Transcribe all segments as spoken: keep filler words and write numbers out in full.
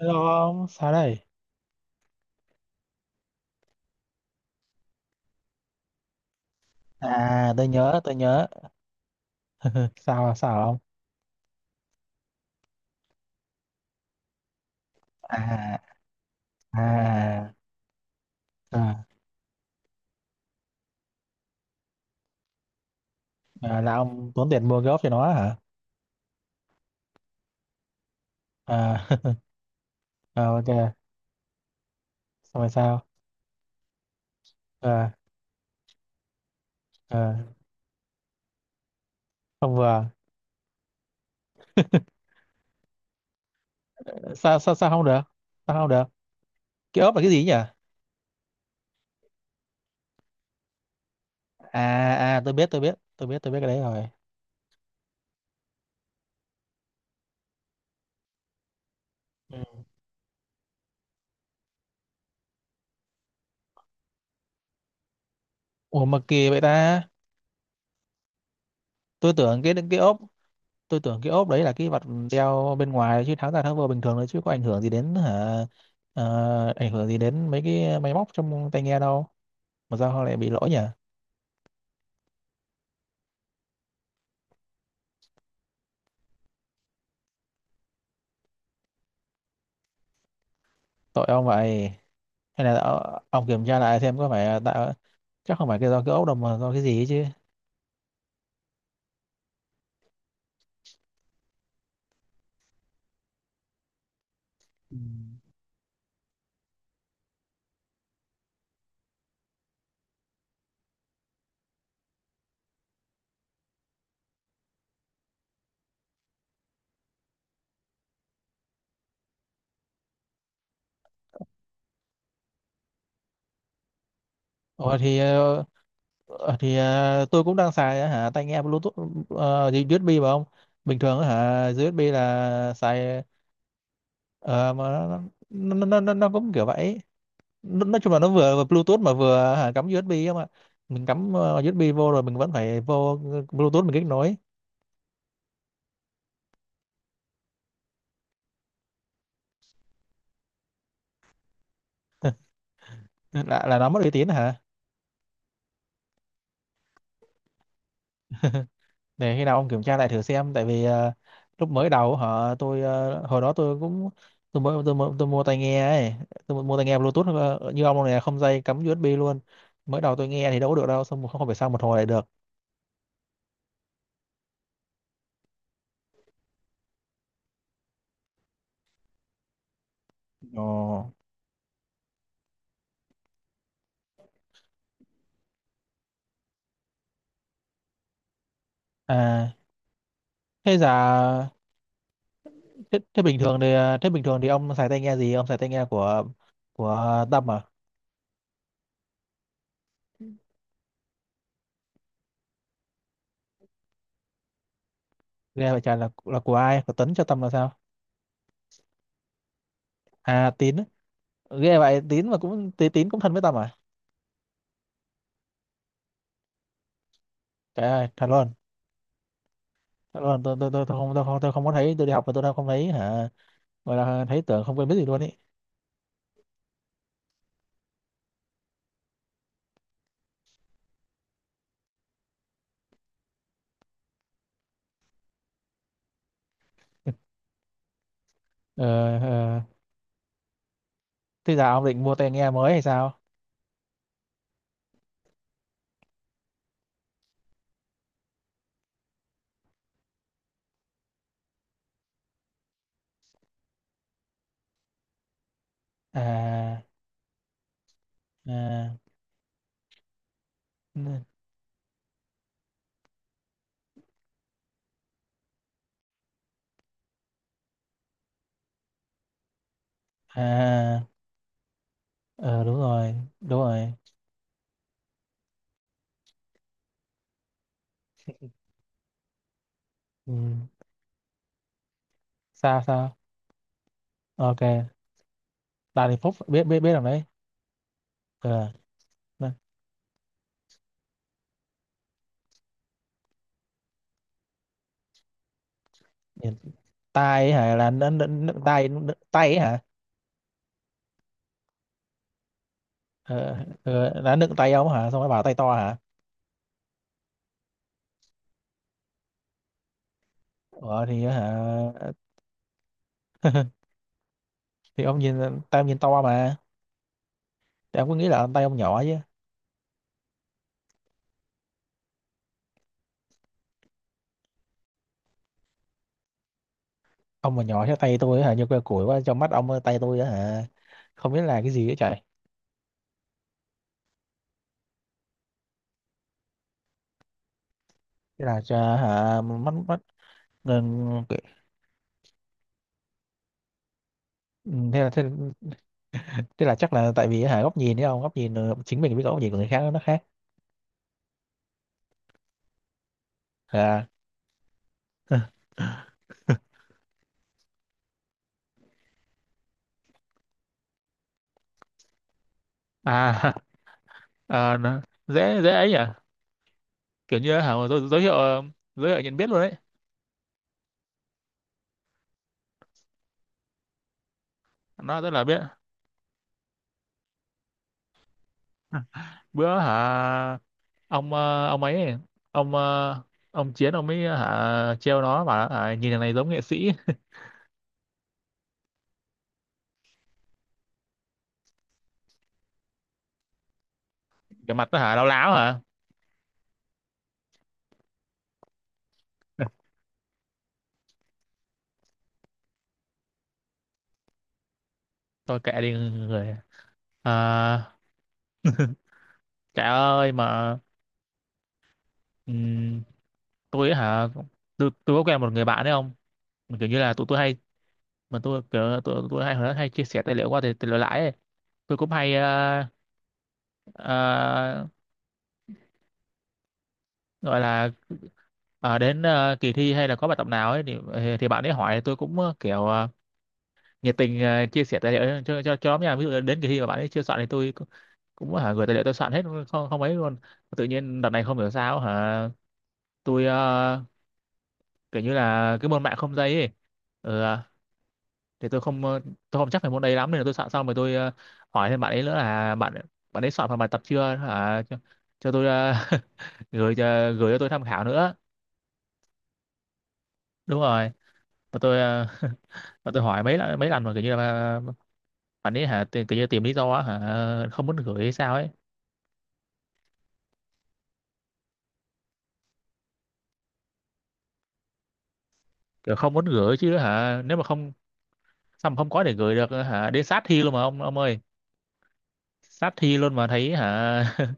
Hello ông, sao đây? À, tôi nhớ, tôi nhớ. Ừ, sao sao ông? À, à, à, à, là ông tốn tiền mua gốc cho nó hả? À, à ok, xong rồi sao? À, à, không vừa. Sao sao sao không được? Sao không được? Cái ốp là cái gì nhỉ? À à, tôi biết tôi biết, tôi biết tôi biết cái đấy rồi. Ừ. Ủa mà kỳ vậy ta? Tôi tưởng cái cái ốp, tôi tưởng cái ốp đấy là cái vật đeo bên ngoài, chứ tháo ra tháo vô bình thường thôi, chứ có ảnh hưởng gì đến hả, ờ, ảnh hưởng gì đến mấy cái máy móc trong tai nghe đâu, mà sao họ lại bị lỗi nhỉ. Tội ông vậy. Hay là ờ, ông kiểm tra lại xem có phải, ờ, tạo chắc không phải cái do cái ốp đâu mà do cái gì ấy chứ. Ừ. Ồ, thì ờ, ờ, thì ờ, tôi cũng đang xài hả tai nghe Bluetooth, ờ, gì, u ét bi mà ông, bình thường hả u ét bê là xài, ờ, mà nó, nó, nó, nó, nó cũng kiểu vậy. Nó- nói chung là nó vừa, vừa Bluetooth mà vừa hả, cắm u ét bê không mà, mình cắm ờ, u ét bi vô rồi mình vẫn phải vô ờ, Bluetooth mình kết nối. Là, là nó mất uy tín hả? Để khi nào ông kiểm tra lại thử xem, tại vì ờ, lúc mới đầu họ tôi ờ, hồi đó tôi cũng, tôi mới tôi, mua- tôi mua tai nghe ấy, tôi mua tai nghe Bluetooth, ờ, như ông này không dây cắm u ét bê luôn. Mới đầu tôi nghe thì đâu có được đâu, xong một không phải sao một hồi lại được. Ồ. À thế giờ, thế, thế bình thường thì ờ, thế bình thường thì ông xài tai nghe gì, ông xài tai nghe của của Tâm à? Ghê vậy trời, là là của ai, của Tuấn cho Tâm là sao? À Tín á. Ghê vậy, Tín mà cũng Tí- Tín cũng thân với Tâm à? Trời ơi thật luôn. Thật luôn, tôi tôi tôi, tôi không tôi không tôi không có thấy, tôi đi học mà tôi đâu không thấy hả, gọi là thấy tưởng không quen biết gì luôn ý. Ờ, ờ. Thế giờ ông định mua tai nghe mới hay sao? À. À. n- À. Ờ đúng rồi. Đúng rồi. Ừ. sao sao? Ok. Đào Đình Phúc biết biết biết làm đấy. Ờ nó- tai ấy hả, là nó- nó- nó- tai, tai ấy hả? ờ, ờ, đã nựng tay ông hả, xong rồi bảo tay to hả? ờ thì ờ, hả, thì ông nhìn, tay ông nhìn to mà, thì ông cứ nghĩ là tay ông nhỏ chứ. Ông mà nhỏ thế tay tôi hả, như que củi quá, trong mắt ông ờ, tay tôi hả, không biết là cái gì ấy trời. Thế là ờ, hả mắt mắt, ừ, thế là thế, thế là chắc là tại vì hả góc nhìn đấy, ông góc nhìn ờ, chính mình với góc nhìn của người khác nó khác. À. À, à nó dễ dễ ấy à? Kiểu như hả giới, giới thiệu, giới thiệu nhận biết luôn đấy. Nó rất là biết. Bữa hả, ông ờ, ông ấy, ông ờ, ông Chiến ông ấy hả trêu nó bảo hả, nhìn thằng này giống nghệ sĩ. Cái mặt nó hả láo láo hả. Tôi kệ đi người. À, trời ơi mà, ừm, tôi ấy hả, tôi, tôi có quen một người bạn đấy không. Mà kiểu như là tụi tôi hay, mà tôi kiểu tụi tôi hay hồi đó hay chia sẻ tài liệu qua tài, tài liệu lãi ấy. Tôi cũng hay ờ, ờ, gọi là ờ, đến ờ, kỳ thi hay là có bài tập nào ấy thì thì bạn ấy hỏi tôi cũng ờ, kiểu ờ, nhiệt tình ờ, chia sẻ tài liệu cho cho cho nhóm nha, ví dụ đến kỳ thi mà bạn ấy chưa soạn thì tôi cũng cũng hả gửi tài liệu tôi soạn hết, không không ấy luôn. Tự nhiên đợt này không hiểu sao hả, tôi ờ, kiểu như là cái môn mạng không dây ấy, ừ, à, thì tôi không ờ, tôi không chắc về môn đấy lắm, nên là tôi soạn xong rồi tôi ờ, hỏi thêm bạn ấy nữa, là bạn bạn ấy soạn phần bài tập chưa hả, cho, cho tôi ờ, gửi cho, gửi cho tôi tham khảo nữa. Đúng rồi. Và tôi ờ, và tôi hỏi mấy lần mấy lần mà kiểu như là, bạn ấy hả tìm- kiểu như tìm lý do á, hả không muốn gửi hay sao ấy. Kiểu không muốn gửi chứ hả, nếu mà không sao mà không có để gửi được hả, đến sát thi luôn mà ông ông ơi, sát thi luôn mà thấy hả.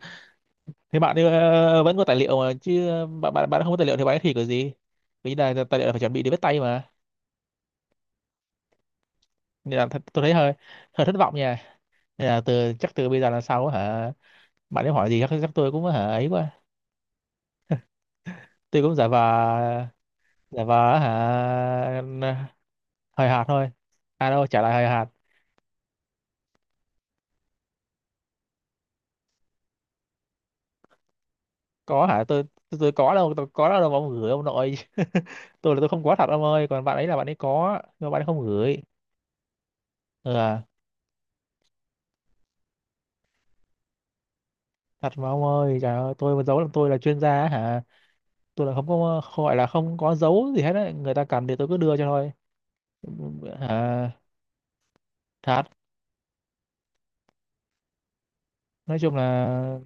Thế bạn ấy, ờ, vẫn có tài liệu mà chứ, ờ, bạn bạn bạn không có tài liệu thì bạn ấy thi kiểu gì, vì là tài liệu là phải chuẩn bị để viết tay mà, nên là th tôi thấy hơi, hơi thất vọng nha. Nên là từ chắc từ bây giờ là sau hả, bạn ấy hỏi gì chắc chắc tôi cũng hả ấy quá, tôi cũng giả vờ, giả vờ hả hời hợt thôi, à đâu trả lời hời hợt. Có hả tôi, tôi, tôi có đâu tôi có đâu mà ông gửi ông nội. Tôi là tôi không có thật ông ơi, còn bạn ấy là bạn ấy có nhưng mà bạn ấy không gửi. Ừ, à. Thật mà ông ơi, trời ơi, tôi mà giấu làm tôi là chuyên gia á hả, tôi là không có, gọi là không có giấu gì hết đấy, người ta cần thì tôi cứ đưa cho thôi hả. Thật. Nói chung là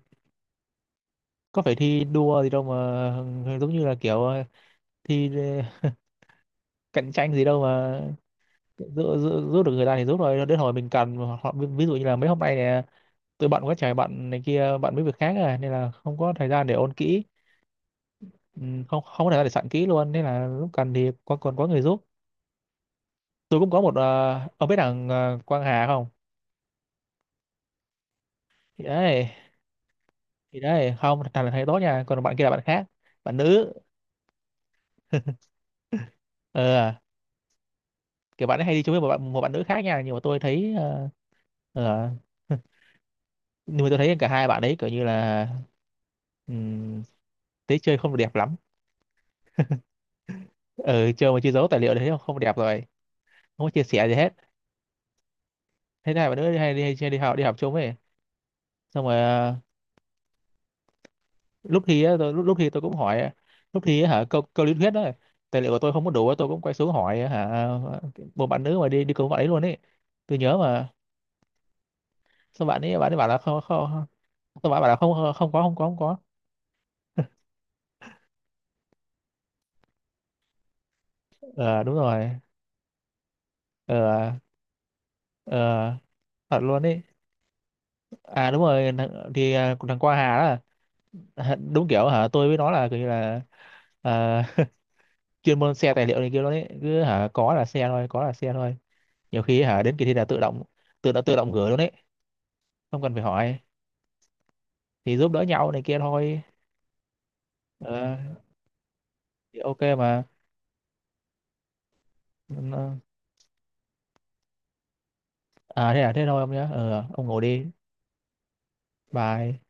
có phải thi đua gì đâu mà, giống như là kiểu ờ, thi ờ, cạnh tranh gì đâu mà, giữ, giữ, giữ được người ta thì giúp, rồi đến hồi mình cần họ, ví dụ như là mấy hôm nay này, tôi bận quá trời bận này kia, bận mấy việc khác rồi nên là không có thời gian để ôn kỹ. Ừ, không không có thể để sẵn kỹ luôn, nên là lúc cần thì có, còn có người giúp. Tôi cũng có một ờ, ông biết thằng ờ, Quang Hà không. Thì đấy, thì đấy không, thằng này thầy tốt nha, còn bạn kia là bạn khác, bạn nữ. Ờ, kiểu bạn ấy hay đi chung với một bạn một bạn nữ khác nha, nhưng mà tôi thấy ờ, ờ, nhưng mà tôi thấy cả hai bạn ấy kiểu như là um, tế chơi không được đẹp lắm. Ờ chơi mà chưa giấu tài liệu đấy không không đẹp rồi, không có chia sẻ gì hết. Thế này bạn nữ hay đi, hay đi học, đi học chung ấy, xong rồi ờ, lúc thi á, tôi lúc, lúc thi tôi cũng hỏi, lúc thi á, hả câu câu lý thuyết đó, tài liệu của tôi không có đủ á, tôi cũng quay xuống hỏi hả một bạn nữ mà đi đi cùng bạn ấy luôn ấy, tôi nhớ mà. Sao bạn ấy bạn ấy bảo là không không, tôi bảo bạn là không không có, không có, không có. Ờ đúng rồi. Ờ. Ờ. Thật luôn ấy, à đúng rồi thằng- thì à, thằng Qua Hà đó, à, đúng kiểu hả tôi với nó là kiểu như là, à, chuyên môn xe tài liệu này kia luôn ấy, cứ hả có là xe thôi, có là xe thôi, nhiều khi hả đến kỳ thi là tự động tự động tự động gửi luôn ấy, không cần phải hỏi, thì giúp đỡ nhau này kia thôi. Ờ thì OK mà. Ừ, à thế à thế thôi ông nhé, ờ ông ngủ đi. Bye.